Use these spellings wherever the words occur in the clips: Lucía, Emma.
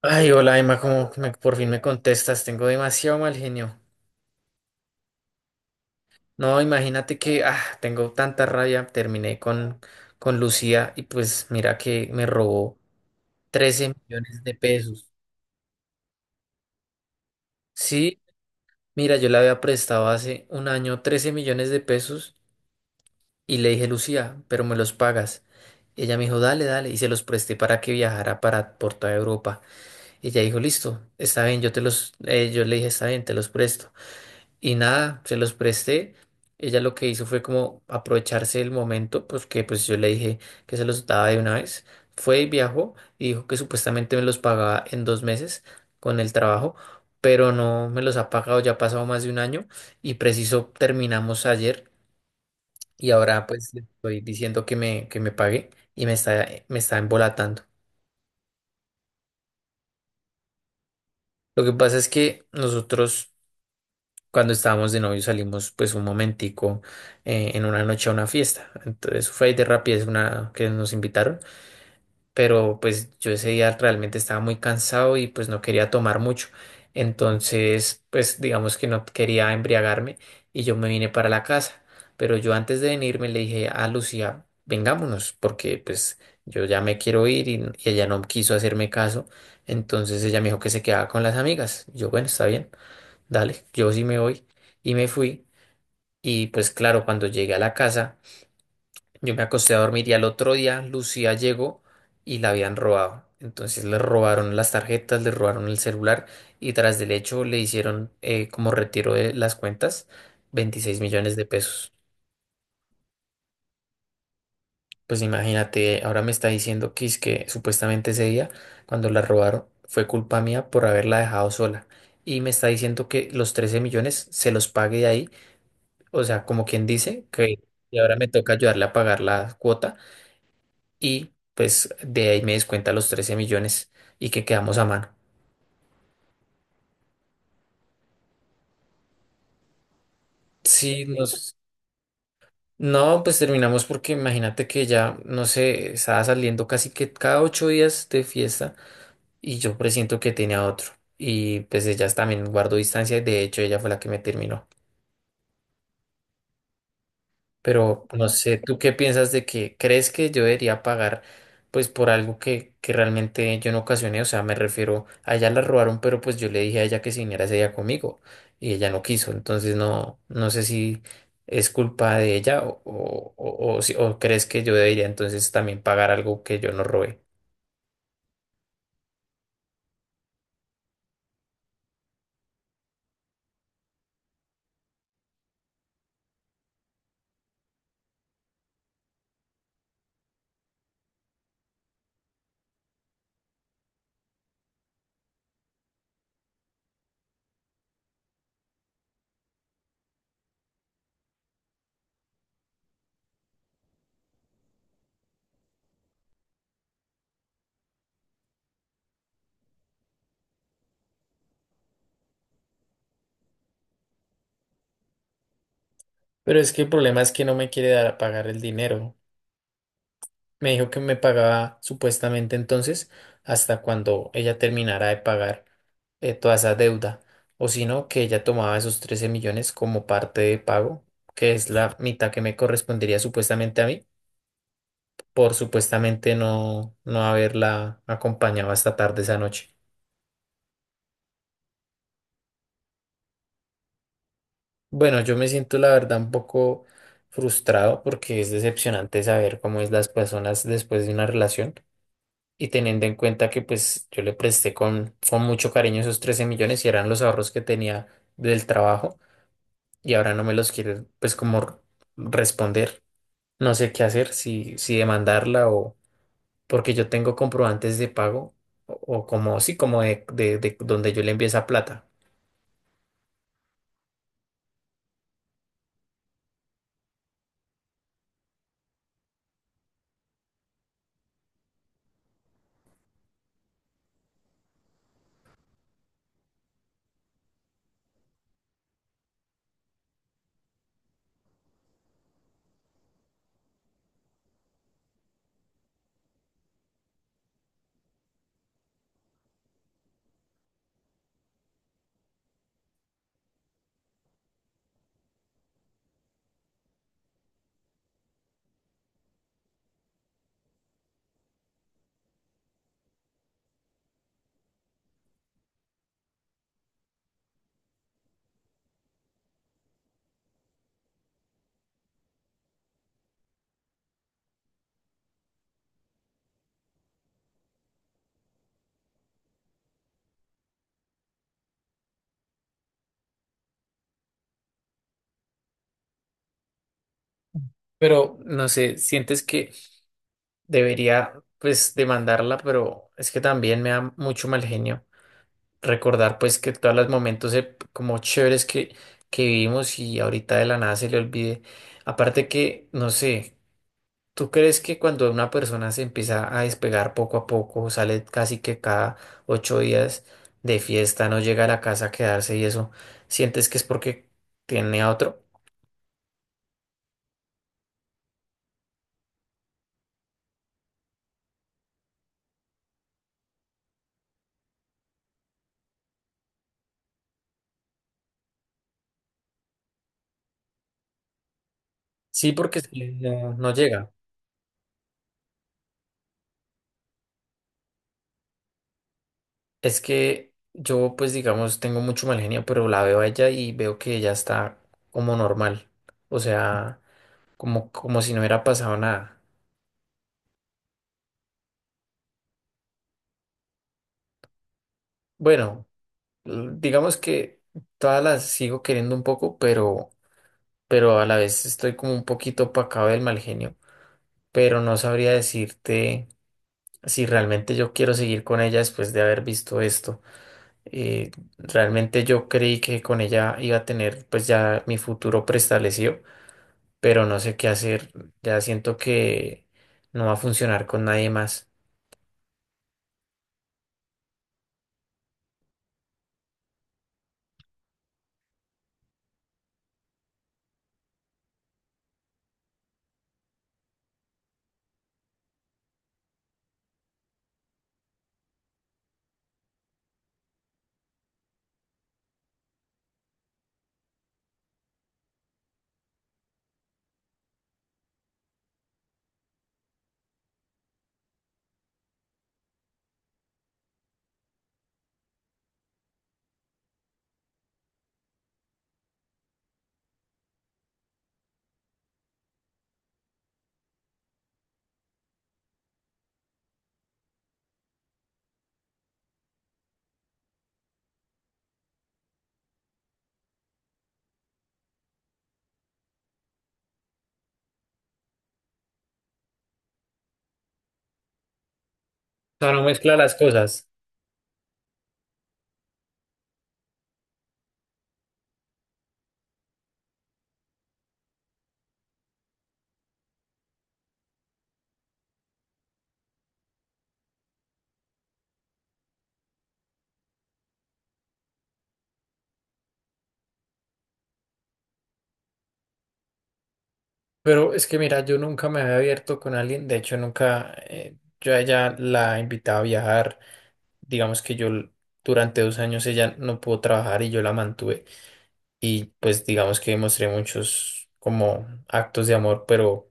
Ay, hola Emma, como que por fin me contestas, tengo demasiado mal genio. No, imagínate que tengo tanta rabia, terminé con Lucía y pues mira que me robó 13 millones de pesos. Sí, mira, yo le había prestado hace un año 13 millones de pesos y le dije, Lucía, pero me los pagas. Ella me dijo, dale, dale, y se los presté para que viajara por toda Europa. Ella dijo, listo, está bien, yo le dije, está bien, te los presto. Y nada, se los presté. Ella lo que hizo fue como aprovecharse del momento, pues que pues yo le dije que se los daba de una vez. Fue y viajó y dijo que supuestamente me los pagaba en 2 meses con el trabajo, pero no me los ha pagado, ya ha pasado más de un año y preciso terminamos ayer y ahora pues le estoy diciendo que me pague y me está embolatando. Lo que pasa es que nosotros. Cuando estábamos de novio salimos pues un momentico en una noche a una fiesta. Entonces fue de rapidez una que nos invitaron, pero pues yo ese día realmente estaba muy cansado y pues no quería tomar mucho. Entonces pues digamos que no quería embriagarme y yo me vine para la casa. Pero yo antes de venirme le dije a Lucía, vengámonos, porque pues yo ya me quiero ir y ella no quiso hacerme caso. Entonces ella me dijo que se quedaba con las amigas. Yo, bueno, está bien dale, yo sí me voy. Y me fui. Y pues claro, cuando llegué a la casa, yo me acosté a dormir y al otro día Lucía llegó y la habían robado. Entonces le robaron las tarjetas, le robaron el celular y tras del hecho le hicieron como retiro de las cuentas 26 millones de pesos. Pues imagínate, ahora me está diciendo que es que supuestamente ese día, cuando la robaron, fue culpa mía por haberla dejado sola. Y me está diciendo que los 13 millones se los pague de ahí. O sea, como quien dice que, y ahora me toca ayudarle a pagar la cuota y pues de ahí me descuenta los 13 millones y que quedamos a mano. Sí. No, pues terminamos porque imagínate que ya, no sé, estaba saliendo casi que cada 8 días de fiesta y yo presiento que tenía otro. Y pues ella también guardó distancia y de hecho ella fue la que me terminó. Pero no sé, ¿tú qué piensas de que crees que yo debería pagar pues por algo que realmente yo no ocasioné? O sea, me refiero, a ella la robaron, pero pues yo le dije a ella que se viniera ese día conmigo y ella no quiso. Entonces no, no sé si es culpa de ella o si- o crees que yo debería entonces también pagar algo que yo no robé. Pero es que el problema es que no me quiere dar a pagar el dinero. Me dijo que me pagaba supuestamente entonces hasta cuando ella terminara de pagar toda esa deuda, o si no, que ella tomaba esos 13 millones como parte de pago, que es la mitad que me correspondería supuestamente a mí, por supuestamente no haberla acompañado hasta tarde esa noche. Bueno, yo me siento la verdad un poco frustrado porque es decepcionante saber cómo es las personas después de una relación. Y teniendo en cuenta que pues yo le presté con mucho cariño esos 13 millones y eran los ahorros que tenía del trabajo y ahora no me los quiere pues como responder. No sé qué hacer, si demandarla o porque yo tengo comprobantes de pago o como sí, como de donde yo le envié esa plata. Pero no sé, sientes que debería pues demandarla, pero es que también me da mucho mal genio recordar pues que todos los momentos como chéveres que vivimos y ahorita de la nada se le olvide. Aparte que, no sé, ¿tú crees que cuando una persona se empieza a despegar poco a poco, sale casi que cada 8 días de fiesta, no llega a la casa a quedarse y eso, sientes que es porque tiene a otro? Sí, porque es que no llega. Es que yo pues digamos tengo mucho mal genio, pero la veo a ella y veo que ella está como normal. O sea, como si no hubiera pasado nada. Bueno, digamos que todas las sigo queriendo un poco, pero a la vez estoy como un poquito opacado del mal genio, pero no sabría decirte si realmente yo quiero seguir con ella después de haber visto esto. Eh, Realmente yo creí que con ella iba a tener pues ya mi futuro preestablecido, pero no sé qué hacer, ya siento que no va a funcionar con nadie más. O sea, no mezcla las cosas. Pero es que mira, yo nunca me había abierto con alguien, de hecho nunca, yo a ella la invitaba a viajar, digamos que yo durante 2 años ella no pudo trabajar y yo la mantuve y pues digamos que mostré muchos como actos de amor, pero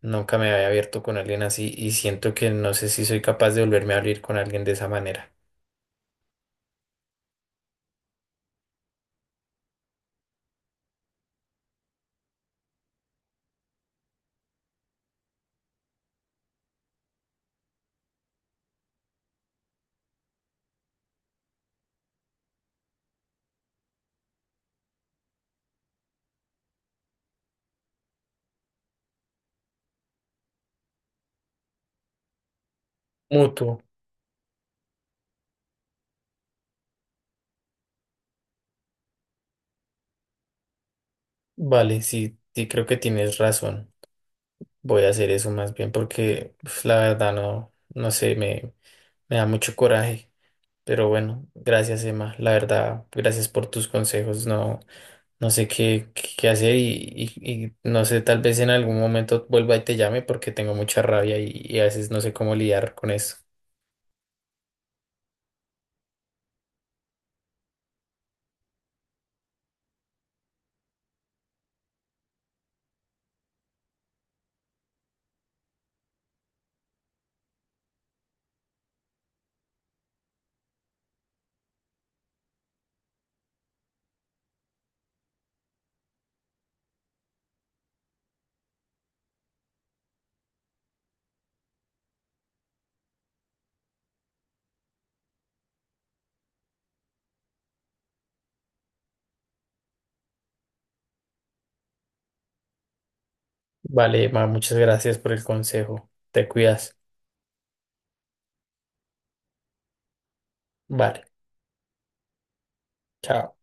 nunca me había abierto con alguien así y siento que no sé si soy capaz de volverme a abrir con alguien de esa manera. Mutuo, vale, sí, sí creo que tienes razón, voy a hacer eso más bien porque uf, la verdad no, no sé, me da mucho coraje. Pero bueno, gracias Emma, la verdad, gracias por tus consejos. No, no sé qué hacer y no sé, tal vez en algún momento vuelva y te llame porque tengo mucha rabia y a veces no sé cómo lidiar con eso. Vale, Emma, muchas gracias por el consejo. Te cuidas. Vale, chao.